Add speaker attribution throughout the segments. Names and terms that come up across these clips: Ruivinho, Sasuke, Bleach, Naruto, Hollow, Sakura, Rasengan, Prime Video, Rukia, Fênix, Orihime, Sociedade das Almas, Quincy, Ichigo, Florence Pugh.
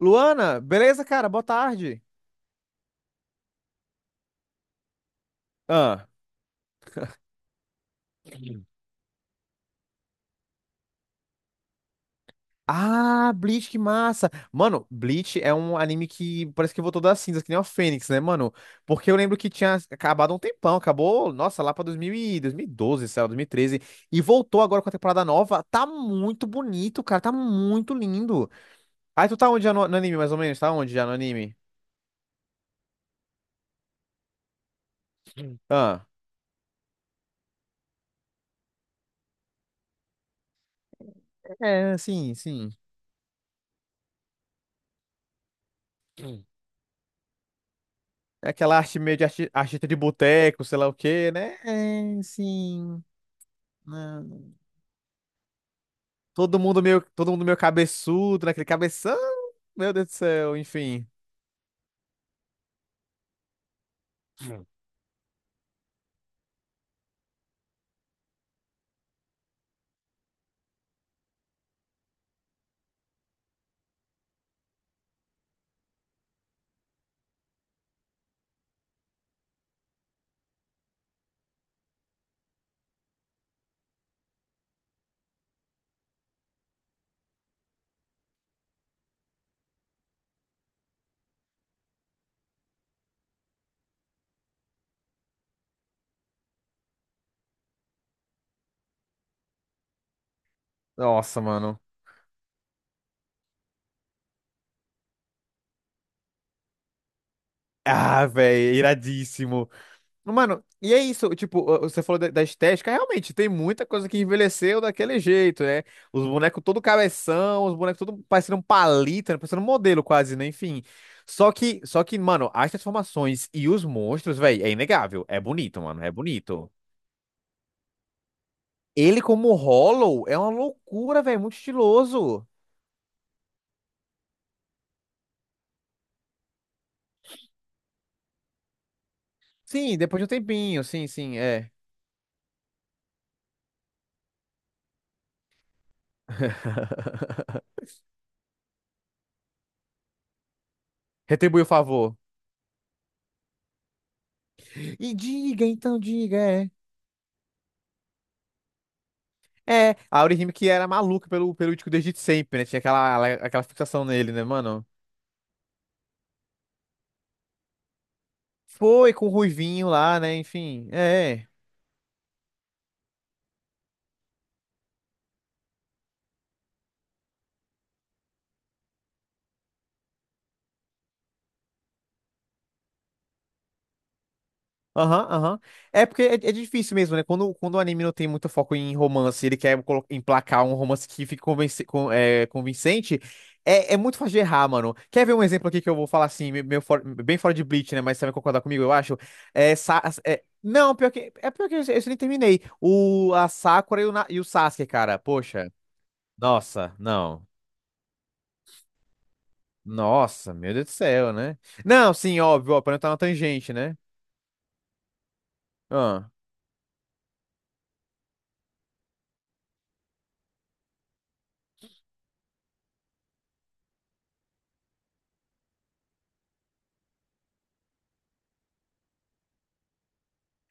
Speaker 1: Luana, beleza, cara? Boa tarde. Ah. Ah, Bleach, que massa. Mano, Bleach é um anime que parece que voltou das cinzas, que nem o Fênix, né, mano? Porque eu lembro que tinha acabado há um tempão, acabou, nossa, lá pra 2000 e 2012, sei lá, 2013, e 13, e voltou agora com a temporada nova. Tá muito bonito, cara, tá muito lindo. Aí tu tá onde já no anime, mais ou menos? Tá onde já no anime? Ah, é, sim. É aquela arte meio de artista de boteco, sei lá o quê, né? É, sim. Né? Todo mundo meio cabeçudo, naquele cabeção. Meu Deus do céu, enfim. Hum. Nossa, mano. Ah, velho, iradíssimo. Mano, e é isso, tipo, ó, você falou da estética, realmente tem muita coisa que envelheceu daquele jeito, né? Os bonecos todo cabeção, os bonecos todo parecendo um palito, né? Parecendo um modelo quase, né? Enfim. Só que, mano, as transformações e os monstros, velho, é inegável. É bonito, mano, é bonito. Ele como Hollow é uma loucura, velho, muito estiloso. Sim, depois de um tempinho, sim, é. Retribui o favor. E diga, então diga, é. É, a Orihime que era maluca pelo Ichigo desde sempre, né? Tinha aquela fixação nele, né, mano? Foi com o Ruivinho lá, né? Enfim, é. Aham. É porque é difícil mesmo, né? Quando o anime não tem muito foco em romance, ele quer emplacar um romance que fique convincente, é, é muito fácil de errar, mano. Quer ver um exemplo aqui que eu vou falar assim, bem fora de Bleach, né? Mas você vai concordar comigo, eu acho. É, não, pior que, é pior que eu nem terminei. O, a Sakura e o, e o Sasuke, cara. Poxa, nossa, não. Nossa, meu Deus do céu, né? Não, sim, óbvio, ó, pra não estar na tangente, né? Ah.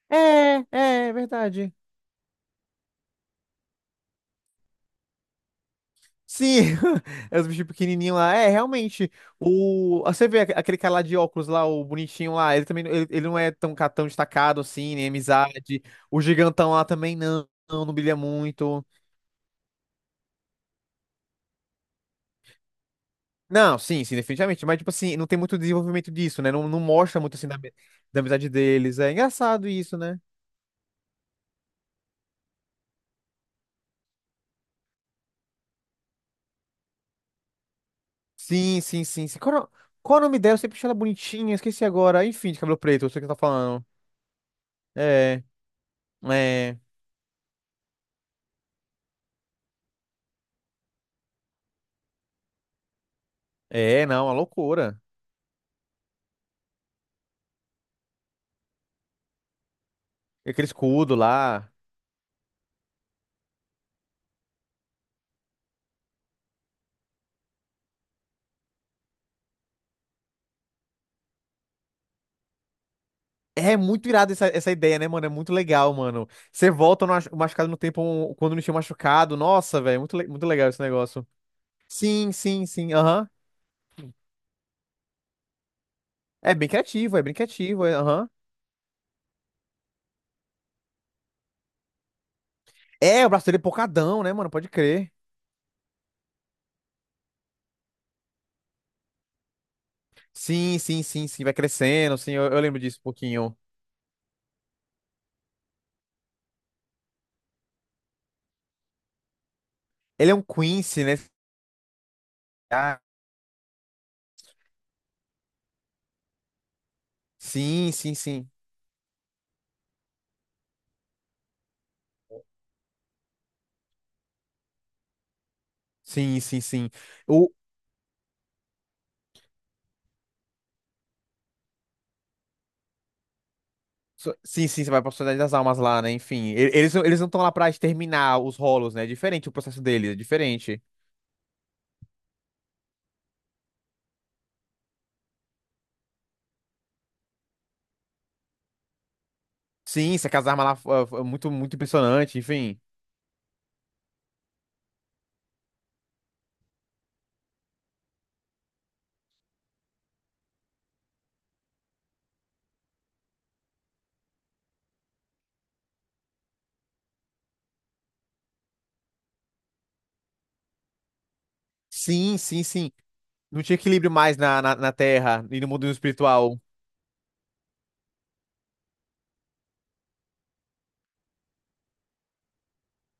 Speaker 1: É, é verdade. Sim, é os bichos pequenininhos lá. É, realmente. O... ah, você vê aquele cara lá de óculos lá, o bonitinho lá, ele também ele não é tão destacado assim, nem amizade. O gigantão lá também não brilha muito. Não, sim, definitivamente. Mas, tipo assim, não tem muito desenvolvimento disso, né? Não mostra muito assim da amizade deles. É engraçado isso, né? Sim. Qual, qual o nome dela? Eu sempre achei ela bonitinha, esqueci agora. Enfim, de cabelo preto, eu sei o que você tá falando. É, é, não, uma loucura. E aquele escudo lá. É muito irado essa, essa ideia, né, mano? É muito legal, mano. Você volta no machucado no tempo quando não tinha machucado. Nossa, velho, muito, muito legal esse negócio. Sim, aham. É bem criativo, é, aham. É, o braço dele é pocadão, né, mano? Pode crer. Sim, vai crescendo, sim, eu lembro disso um pouquinho. Ele é um Quincy, né? Ah, sim. Sim. O... Sim, sim, você vai pra Sociedade das Almas lá, né? Enfim, eles, eles não estão lá pra exterminar os rolos, né? É diferente o processo deles, é diferente. Sim, se aquelas armas lá muito, muito impressionante, enfim. Sim. Não tinha equilíbrio mais na Terra e no mundo espiritual.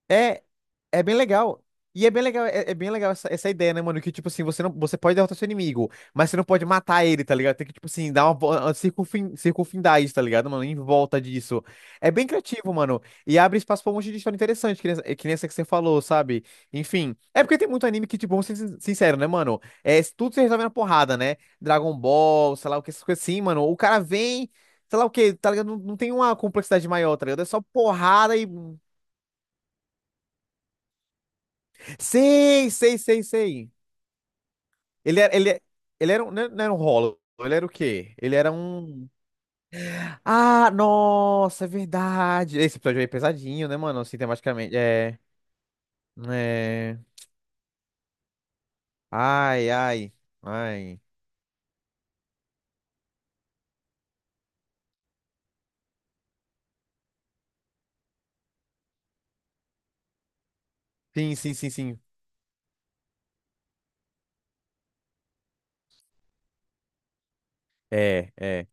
Speaker 1: É, é bem legal. E é bem legal, é, é bem legal essa, essa ideia, né, mano? Que, tipo assim, você não, você pode derrotar seu inimigo, mas você não pode matar ele, tá ligado? Tem que, tipo assim, dar uma, uma circunfindar isso, tá ligado, mano? Em volta disso. É bem criativo, mano. E abre espaço pra um monte de história interessante, que nem, que nem essa que você falou, sabe? Enfim. É porque tem muito anime que, tipo, vamos ser sincero, né, mano? É, tudo se resolve na porrada, né? Dragon Ball, sei lá o que, essas coisas assim, mano. O cara vem. Sei lá o que tá ligado? Não tem uma complexidade maior, tá ligado? É só porrada e sei. Ele era, ele, ele era um, não era um Hollow, ele era o quê? Ele era um. Ah, nossa, é verdade. Esse episódio aí é pesadinho, né, mano? Assim, tematicamente. É. É. Ai, ai, ai. Sim. É, é.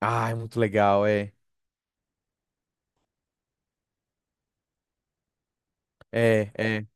Speaker 1: Ai, muito legal, é. É, é.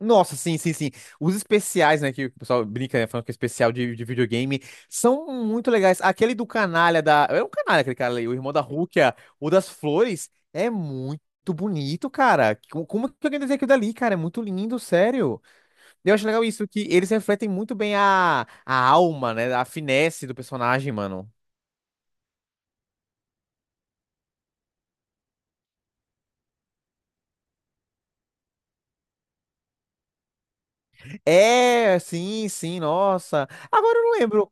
Speaker 1: Nossa, sim. Os especiais, né, que o pessoal brinca, né, falando que é especial de videogame, são muito legais. Aquele do canalha da... É um canalha aquele cara ali, o irmão da Rukia, o das flores, é muito bonito, cara. Como que alguém desenha aquilo dali, cara? É muito lindo, sério. Eu acho legal isso, que eles refletem muito bem a alma, né, a finesse do personagem, mano. É, sim, nossa. Agora eu não lembro.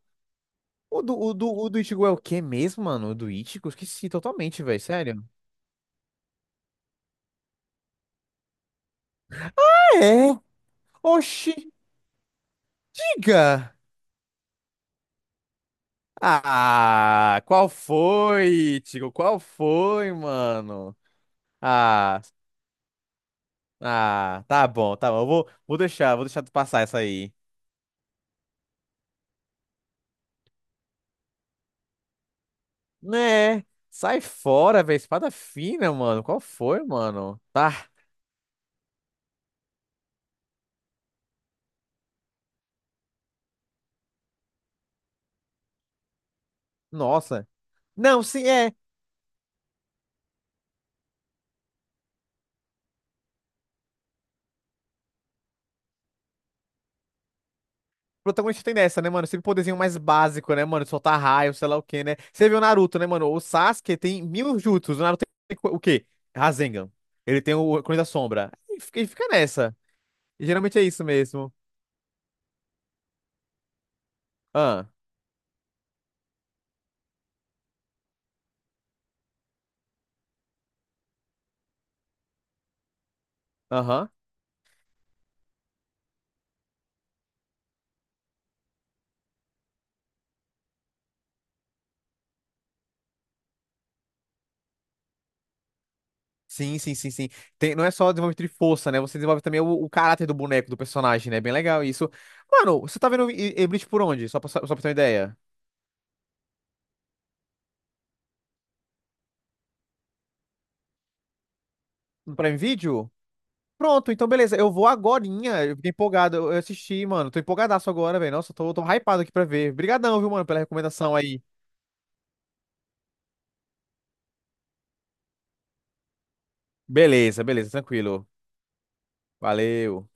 Speaker 1: O do Ichigo é o quê mesmo, mano? O do Ichigo? Esqueci totalmente, velho, sério. É. Oxi, diga! Ah, qual foi, Tigo? Qual foi, mano? Ah, ah, tá bom. Vou deixar tu passar essa aí. Né? Sai fora, velho. Espada fina, mano. Qual foi, mano? Tá, nossa. Não, sim, é. O protagonista tem dessa, né, mano? Sempre poderzinho mais básico, né, mano? Soltar raio, sei lá o quê, né? Você viu o Naruto, né, mano? O Sasuke tem 1.000 jutsus. O Naruto tem o quê? Rasengan. Ele tem o Clone da Sombra. E fica nessa. E geralmente é isso mesmo. Ah, aham. Sim. Tem, não é só desenvolvimento de força, né? Você desenvolve também o caráter do boneco, do personagem, né? Bem legal isso. Mano, você tá vendo Bleach por onde? Só pra ter uma ideia. No Prime Video? Pronto, então beleza. Eu vou agorinha. Eu fiquei empolgado. Eu assisti, mano. Tô empolgadaço agora, velho. Nossa, tô hypado aqui pra ver. Obrigadão, viu, mano, pela recomendação aí. Tranquilo. Valeu.